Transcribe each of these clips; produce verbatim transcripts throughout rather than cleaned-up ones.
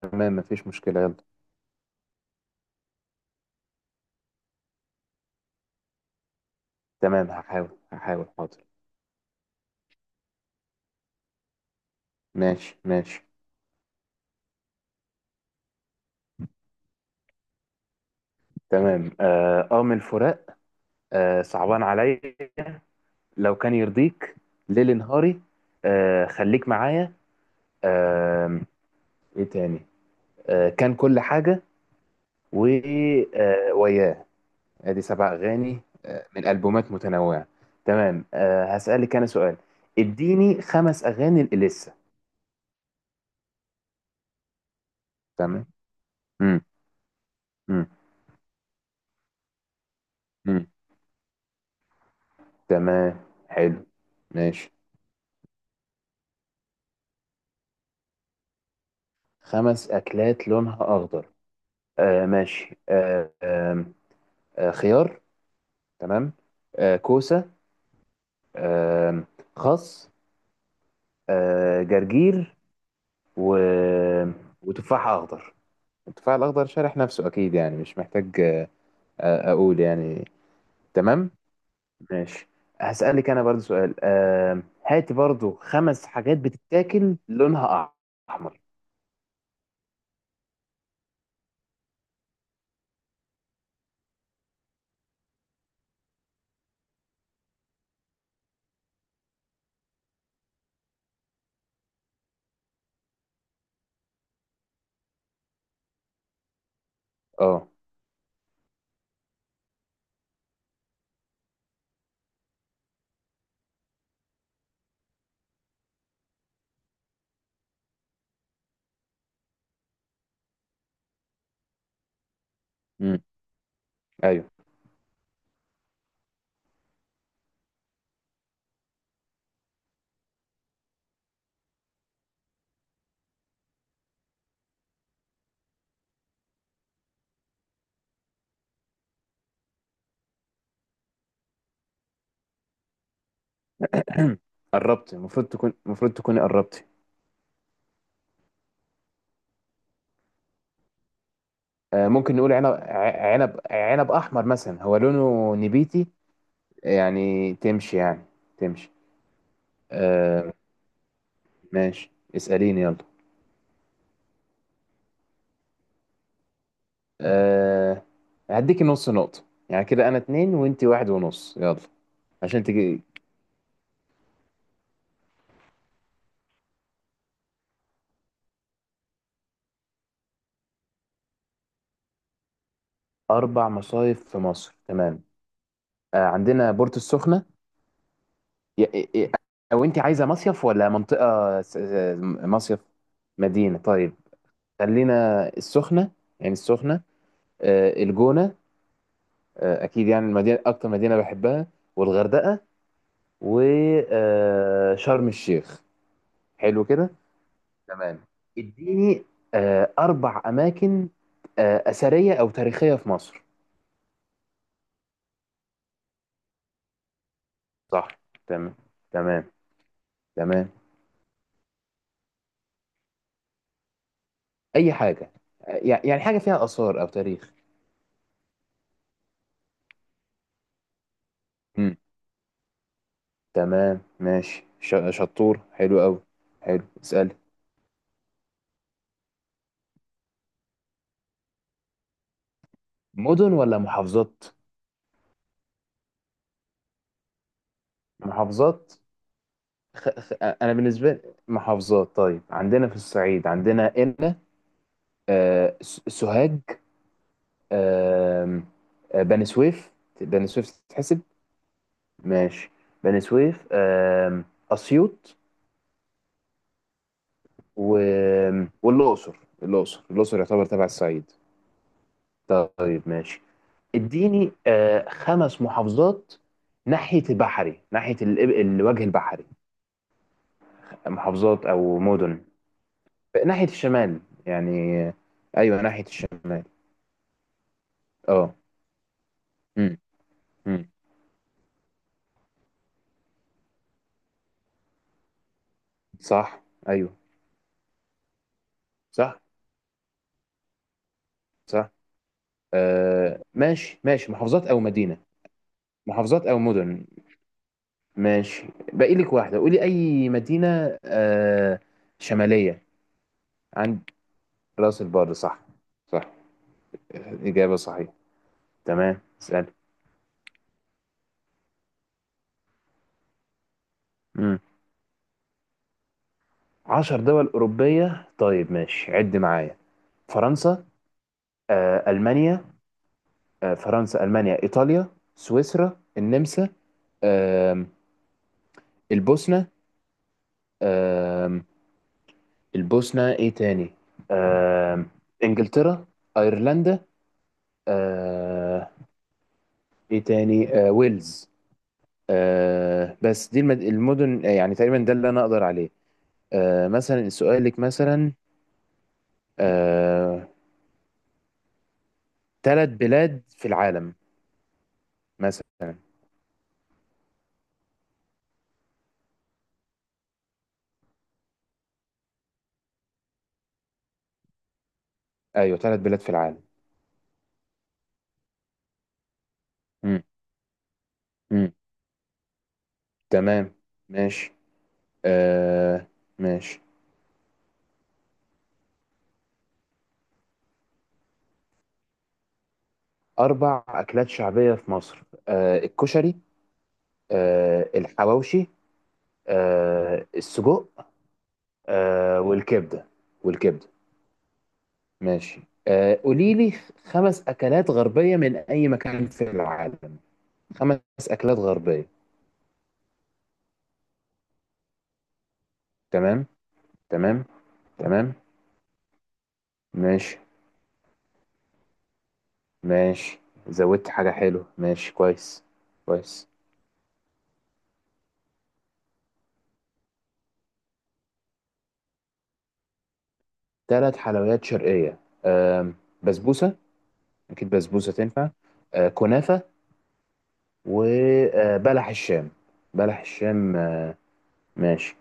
تمام، مفيش مشكلة. يلا. تمام، هحاول هحاول حاضر. ماشي ماشي. تمام. آه أم الفراق. آه صعبان عليا. لو كان يرضيك. ليل نهاري. آه خليك معايا. آه. إيه تاني؟ آه كان كل حاجة. و آه وياه. أدي سبع أغاني. آه من ألبومات متنوعة. تمام، آه هسألك أنا سؤال. اديني خمس أغاني لإليسا. تمام. مم. مم. مم. تمام، حلو. ماشي. خمس أكلات لونها أخضر. آه ماشي. آه آه آه خيار. تمام. آه كوسة. آه خس. آه جرجير. و... وتفاح أخضر. التفاح الأخضر شارح نفسه أكيد، يعني مش محتاج آه آه، أقول يعني. تمام. ماشي. هسألك أنا برضو سؤال. آه هاتي برضو خمس حاجات بتتاكل لونها أحمر. اه. امم. ايوه. قربت المفروض تكون المفروض تكوني قربتي. آه، ممكن نقول عنب ع- عنب عنب احمر مثلا، هو لونه نبيتي يعني. تمشي يعني. تمشي. آه، ماشي. اسأليني يلا. آه، هديكي نص نقطة. يعني كده انا اتنين وانتي واحد ونص. يلا عشان تجي. اربع مصايف في مصر. تمام. آه، عندنا بورتو السخنة. ي- ي- ي- او انتي عايزة مصيف ولا منطقة س- س- مصيف، مدينة؟ طيب، خلينا السخنة يعني السخنة. آه، الجونة. آه، اكيد يعني المدينه اكتر مدينه بحبها. والغردقه وشرم الشيخ. حلو كده. تمام. اديني آه، اربع اماكن آه، اثريه او تاريخيه في مصر. صح. تمام. تمام. تمام، اي حاجه. آه، يع- يعني حاجه فيها اثار او تاريخ. مم. تمام ماشي. ش- شطور. حلو قوي. حلو. اسال. مدن ولا محافظات؟ محافظات. خ- خ- انا بالنسبه لي محافظات. طيب، عندنا في الصعيد عندنا قنا، آه، س- سوهاج، آم، آه، بني سويف. بني سويف تتحسب؟ ماشي. بني سويف، آم، أسيوط، و... والأقصر. الأقصر، الأقصر يعتبر تبع الصعيد. طيب، ماشي. اديني آه، خمس محافظات ناحية البحري، ناحية ال- الوجه البحري. محافظات أو مدن ناحية الشمال، يعني آه، أيوه ناحية الشمال. أه. مم. مم. صح. أيوه. صح. صح. آه ماشي، ماشي. محافظات او مدينه، محافظات او مدن. ماشي. باقي لك واحده. قولي اي مدينه، آه، شماليه. عند راس البر. صح. صح. اجابه صحيحه. تمام. اسال. امم. عشر دول اوروبيه. طيب، ماشي عد معايا. فرنسا. آه المانيا. آه، فرنسا المانيا ايطاليا، سويسرا النمسا. آه البوسنه. آه. البوسنه. ايه تاني؟ آه انجلترا، ايرلندا. آه، ايه تاني؟ آه ويلز. آه، بس دي المد... المدن. آه، يعني تقريبا ده اللي انا اقدر عليه. آه، مثلا سؤالك مثلا آه ثلاث بلاد في العالم مثلا. ايوه ثلاث بلاد في العالم. مم. مم. تمام. ماشي. آه. ماشي. اربع اكلات شعبية في مصر. آه الكشري. آه الحواوشي. آه السجق. آه والكبدة. والكبدة ماشي. آه، قولي لي خمس أكلات غربية من أي مكان في العالم. خمس أكلات غربية. تمام. تمام. تمام. ماشي ماشي، زودت حاجة حلوة. ماشي كويس. كويس. ثلاث حلويات شرقية. آه، بسبوسة. أكيد بسبوسة تنفع. آه، كنافة. وبلح الشام. بلح الشام. آه. ماشي.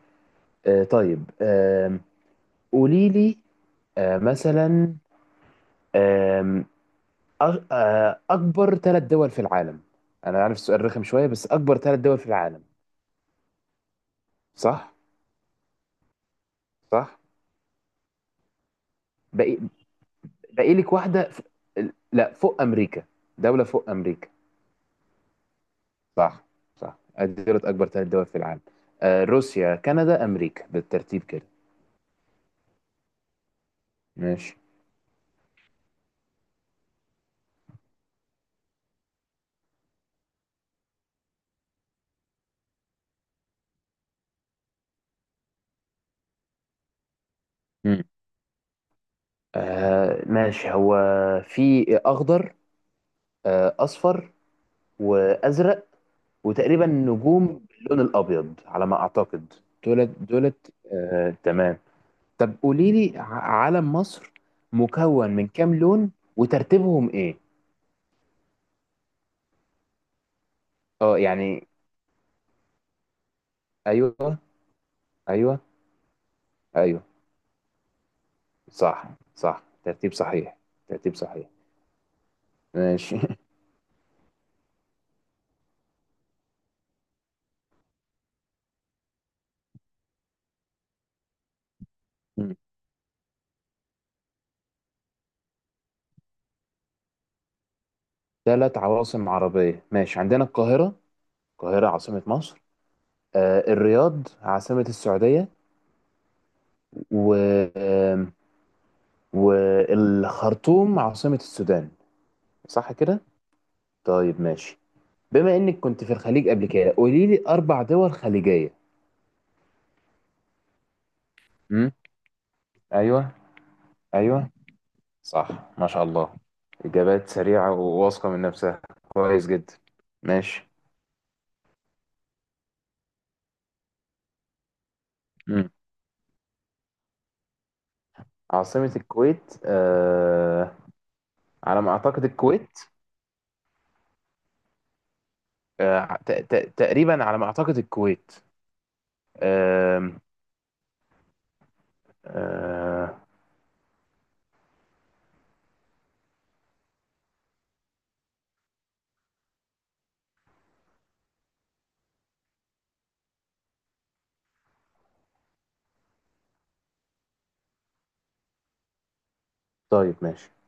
آه، طيب. آه، قولي لي آه مثلا، آم، أغ... آه، أكبر ثلاث دول في العالم. أنا عارف السؤال رخم شوية، بس أكبر ثلاث دول في العالم. صح؟ صح؟ باقي. باقي لك واحدة ف... لا، فوق أمريكا. دولة فوق أمريكا. صح. صح أدي دولة. أكبر ثلاث دول في العالم آه، روسيا كندا أمريكا بالترتيب كده. ماشي. مم. آه، ماشي. هو في أخضر. آه، أصفر. وأزرق. وتقريبا نجوم باللون الأبيض على ما أعتقد. دولت دولت آه، تمام. طب قولي لي ع- علم مصر مكون من كام لون؟ وترتيبهم ايه؟ اه يعني. ايوه. ايوه. ايوه. صح. صح، ترتيب صحيح. ترتيب صحيح. ماشي. ثلاث عواصم عربية. ماشي، عندنا القاهرة، القاهرة عاصمة مصر. آه الرياض، عاصمة السعودية. و آم، والخرطوم عاصمة السودان. صح كده. طيب ماشي. بما انك كنت في الخليج قبل كده، قولي لي اربع دول خليجية. امم. ايوه. ايوه. صح ما شاء الله. اجابات سريعه وواثقه من نفسها. كويس جدا. ماشي. مم. عاصمه الكويت آه، على ما اعتقد الكويت. آه ت- ت- تقريبا على ما اعتقد الكويت. آه. آه. طيب ماشي.